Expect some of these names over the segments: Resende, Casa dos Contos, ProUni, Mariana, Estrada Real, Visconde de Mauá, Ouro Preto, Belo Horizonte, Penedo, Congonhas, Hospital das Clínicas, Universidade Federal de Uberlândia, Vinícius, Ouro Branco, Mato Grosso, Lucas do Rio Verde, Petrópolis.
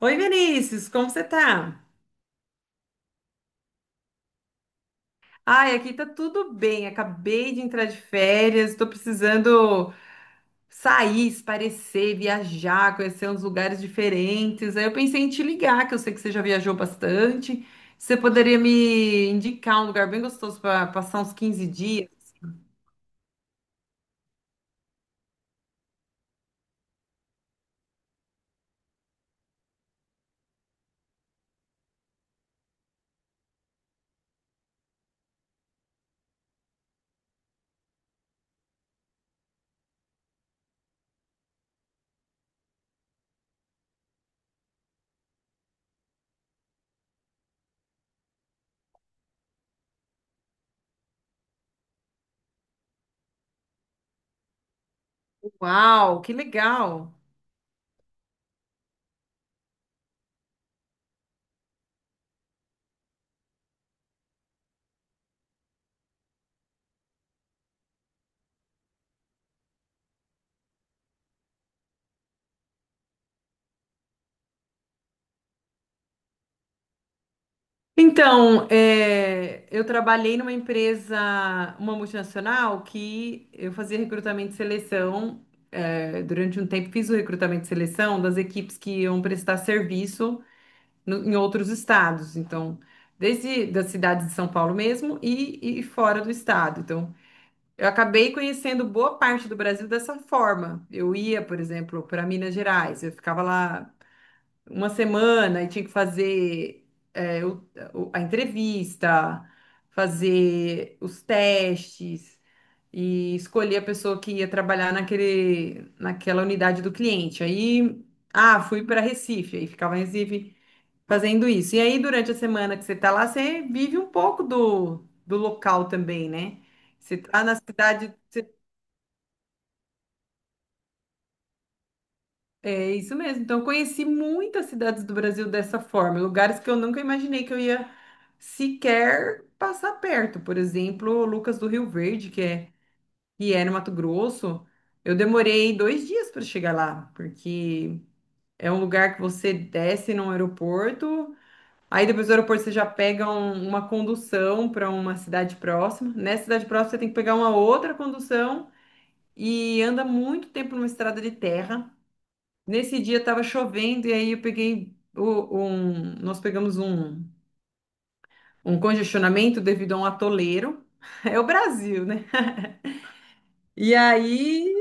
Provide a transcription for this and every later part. Oi, Vinícius, como você tá? Ai, aqui tá tudo bem. Acabei de entrar de férias, tô precisando sair, esparecer, viajar, conhecer uns lugares diferentes. Aí eu pensei em te ligar, que eu sei que você já viajou bastante. Você poderia me indicar um lugar bem gostoso para passar uns 15 dias? Uau, que legal! Então, é, eu trabalhei numa empresa, uma multinacional, que eu fazia recrutamento e seleção. É, durante um tempo fiz o recrutamento e seleção das equipes que iam prestar serviço em outros estados. Então, desde da cidade de São Paulo mesmo e fora do estado. Então, eu acabei conhecendo boa parte do Brasil dessa forma. Eu ia, por exemplo, para Minas Gerais, eu ficava lá uma semana e tinha que fazer é, o- a entrevista, fazer os testes e escolher a pessoa que ia trabalhar naquela unidade do cliente. Aí, ah, fui para Recife, aí ficava em Recife fazendo isso. E aí, durante a semana que você está lá, você vive um pouco do local também, né? Você está na cidade. É isso mesmo. Então, eu conheci muitas cidades do Brasil dessa forma, lugares que eu nunca imaginei que eu ia sequer passar perto. Por exemplo, Lucas do Rio Verde, que é no Mato Grosso. Eu demorei 2 dias para chegar lá, porque é um lugar que você desce num aeroporto, aí depois do aeroporto você já pega uma condução para uma cidade próxima. Nessa cidade próxima você tem que pegar uma outra condução e anda muito tempo numa estrada de terra. Nesse dia estava chovendo e aí eu peguei o- um, nós pegamos um congestionamento devido a um atoleiro. É o Brasil, né? E aí,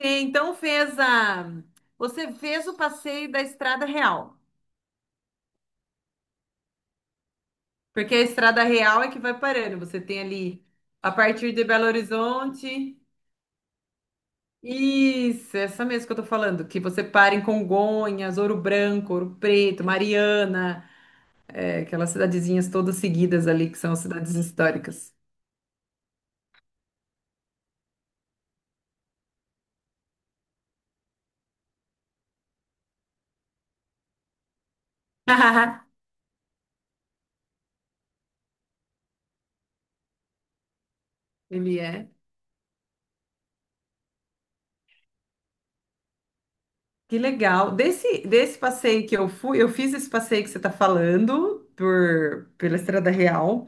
então fez a, você fez o passeio da Estrada Real, porque a Estrada Real é que vai parando. Você tem ali a partir de Belo Horizonte. Isso, essa mesmo que eu tô falando, que você para em Congonhas, Ouro Branco, Ouro Preto, Mariana, é, aquelas cidadezinhas todas seguidas ali que são as cidades históricas. Ele é. Que legal. Desse passeio que eu fui, eu fiz esse passeio que você está falando pela Estrada Real,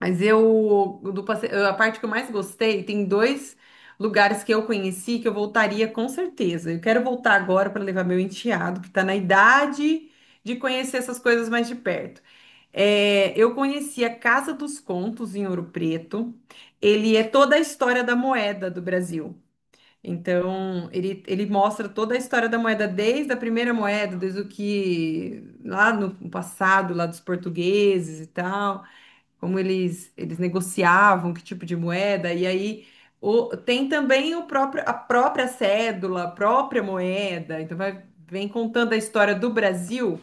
mas eu do passeio, a parte que eu mais gostei, tem dois lugares que eu conheci que eu voltaria com certeza. Eu quero voltar agora para levar meu enteado, que está na idade de conhecer essas coisas mais de perto. É, eu conheci a Casa dos Contos em Ouro Preto. Ele é toda a história da moeda do Brasil. Então, ele mostra toda a história da moeda, desde a primeira moeda, desde o que lá no passado, lá dos portugueses e tal, como eles negociavam, que tipo de moeda, e aí tem também o próprio, a própria cédula, a própria moeda, então vai, vem contando a história do Brasil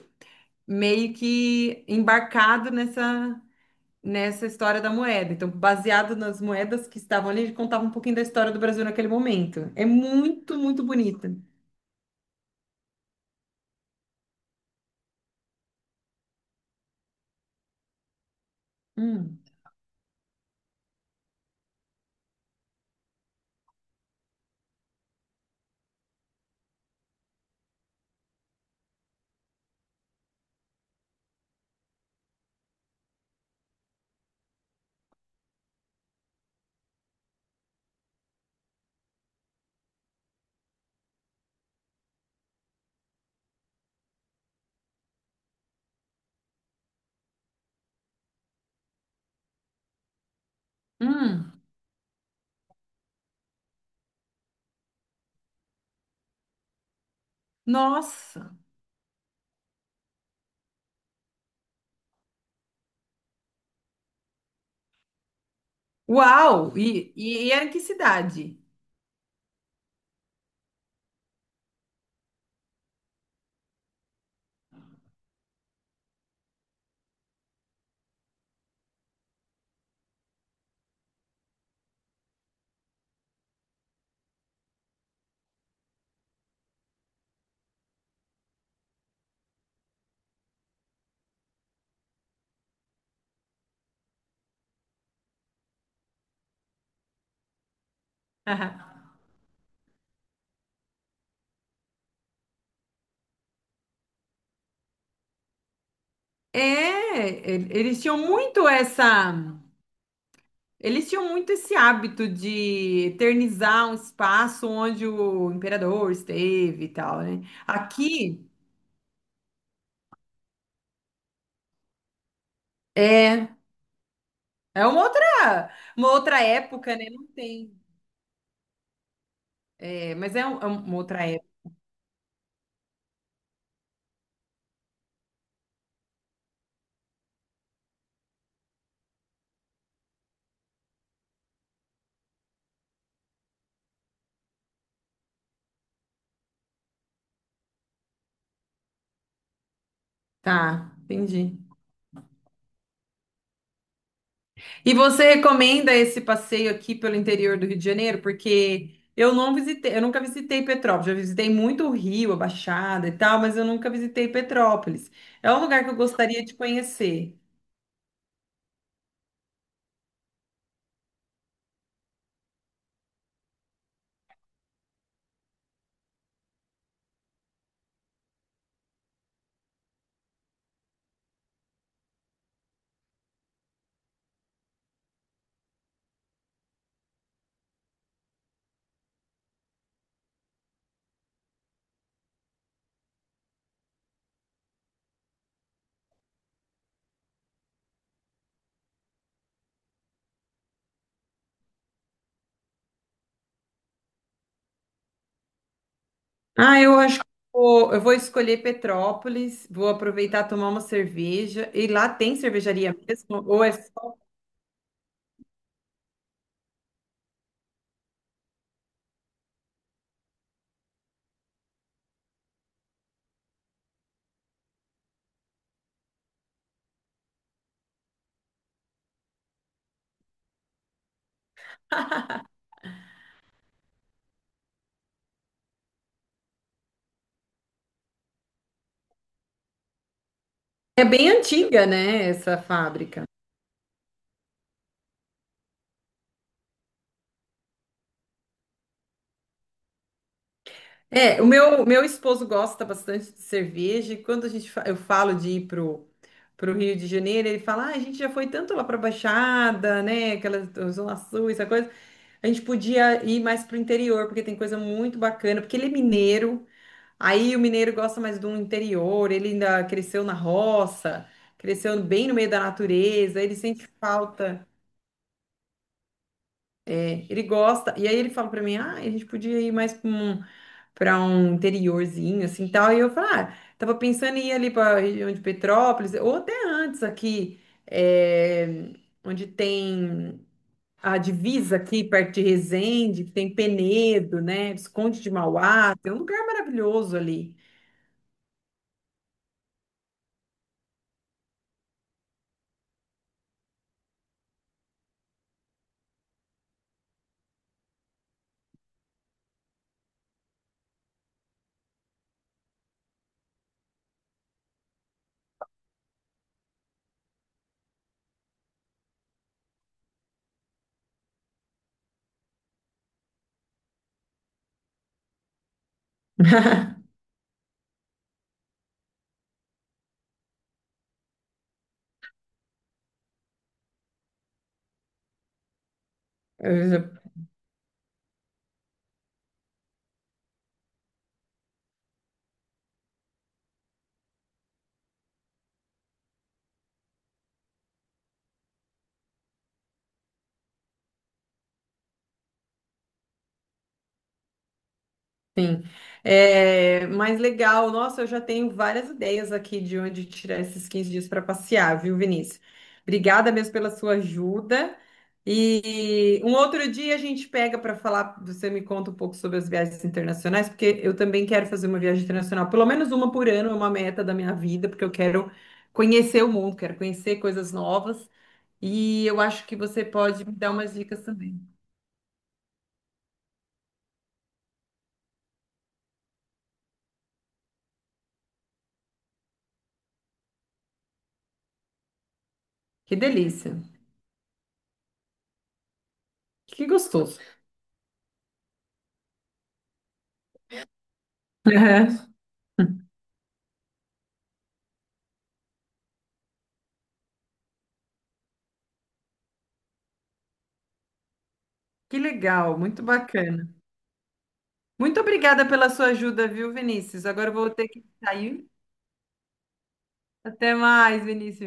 meio que embarcado nessa história da moeda. Então, baseado nas moedas que estavam ali, ele contava um pouquinho da história do Brasil naquele momento. É muito, muito bonita. Hum, hum, nossa! Uau! E era em que cidade? Aham. É, eles tinham muito essa. Eles tinham muito esse hábito de eternizar um espaço onde o imperador esteve e tal, né? Aqui é é uma outra época, né? Não tem. É, mas é uma outra. Tá, entendi. E você recomenda esse passeio aqui pelo interior do Rio de Janeiro? Porque eu não visitei, eu nunca visitei Petrópolis. Já visitei muito o Rio, a Baixada e tal, mas eu nunca visitei Petrópolis. É um lugar que eu gostaria de conhecer. Ah, eu acho que eu vou escolher Petrópolis, vou aproveitar tomar uma cerveja. E lá tem cervejaria mesmo? Ou é, só- é bem antiga, né, essa fábrica? É, o meu esposo gosta bastante de cerveja e quando eu falo de ir pro, Rio de Janeiro, ele fala, ah, a gente já foi tanto lá pra Baixada, né, aquela Zona Sul, essa coisa, a gente podia ir mais pro interior, porque tem coisa muito bacana, porque ele é mineiro, aí o mineiro gosta mais do interior, ele ainda cresceu na roça, cresceu bem no meio da natureza, ele sente falta, ele gosta, e aí ele fala pra mim, ah, a gente podia ir mais para um interiorzinho, assim, tal. E eu falei, ah, tava pensando em ir ali para região de Petrópolis, ou até antes aqui, eh, onde tem a divisa aqui, perto de Resende, que tem Penedo, né? Visconde de Mauá, tem um lugar maravilhoso ali. Sim. É, mas legal, nossa, eu já tenho várias ideias aqui de onde tirar esses 15 dias para passear, viu, Vinícius? Obrigada mesmo pela sua ajuda. E um outro dia a gente pega para falar, você me conta um pouco sobre as viagens internacionais, porque eu também quero fazer uma viagem internacional, pelo menos uma por ano, é uma meta da minha vida, porque eu quero conhecer o mundo, quero conhecer coisas novas. E eu acho que você pode me dar umas dicas também. Que delícia, que gostoso. Que legal, muito bacana. Muito obrigada pela sua ajuda, viu, Vinícius? Agora eu vou ter que sair. Até mais, Vinícius.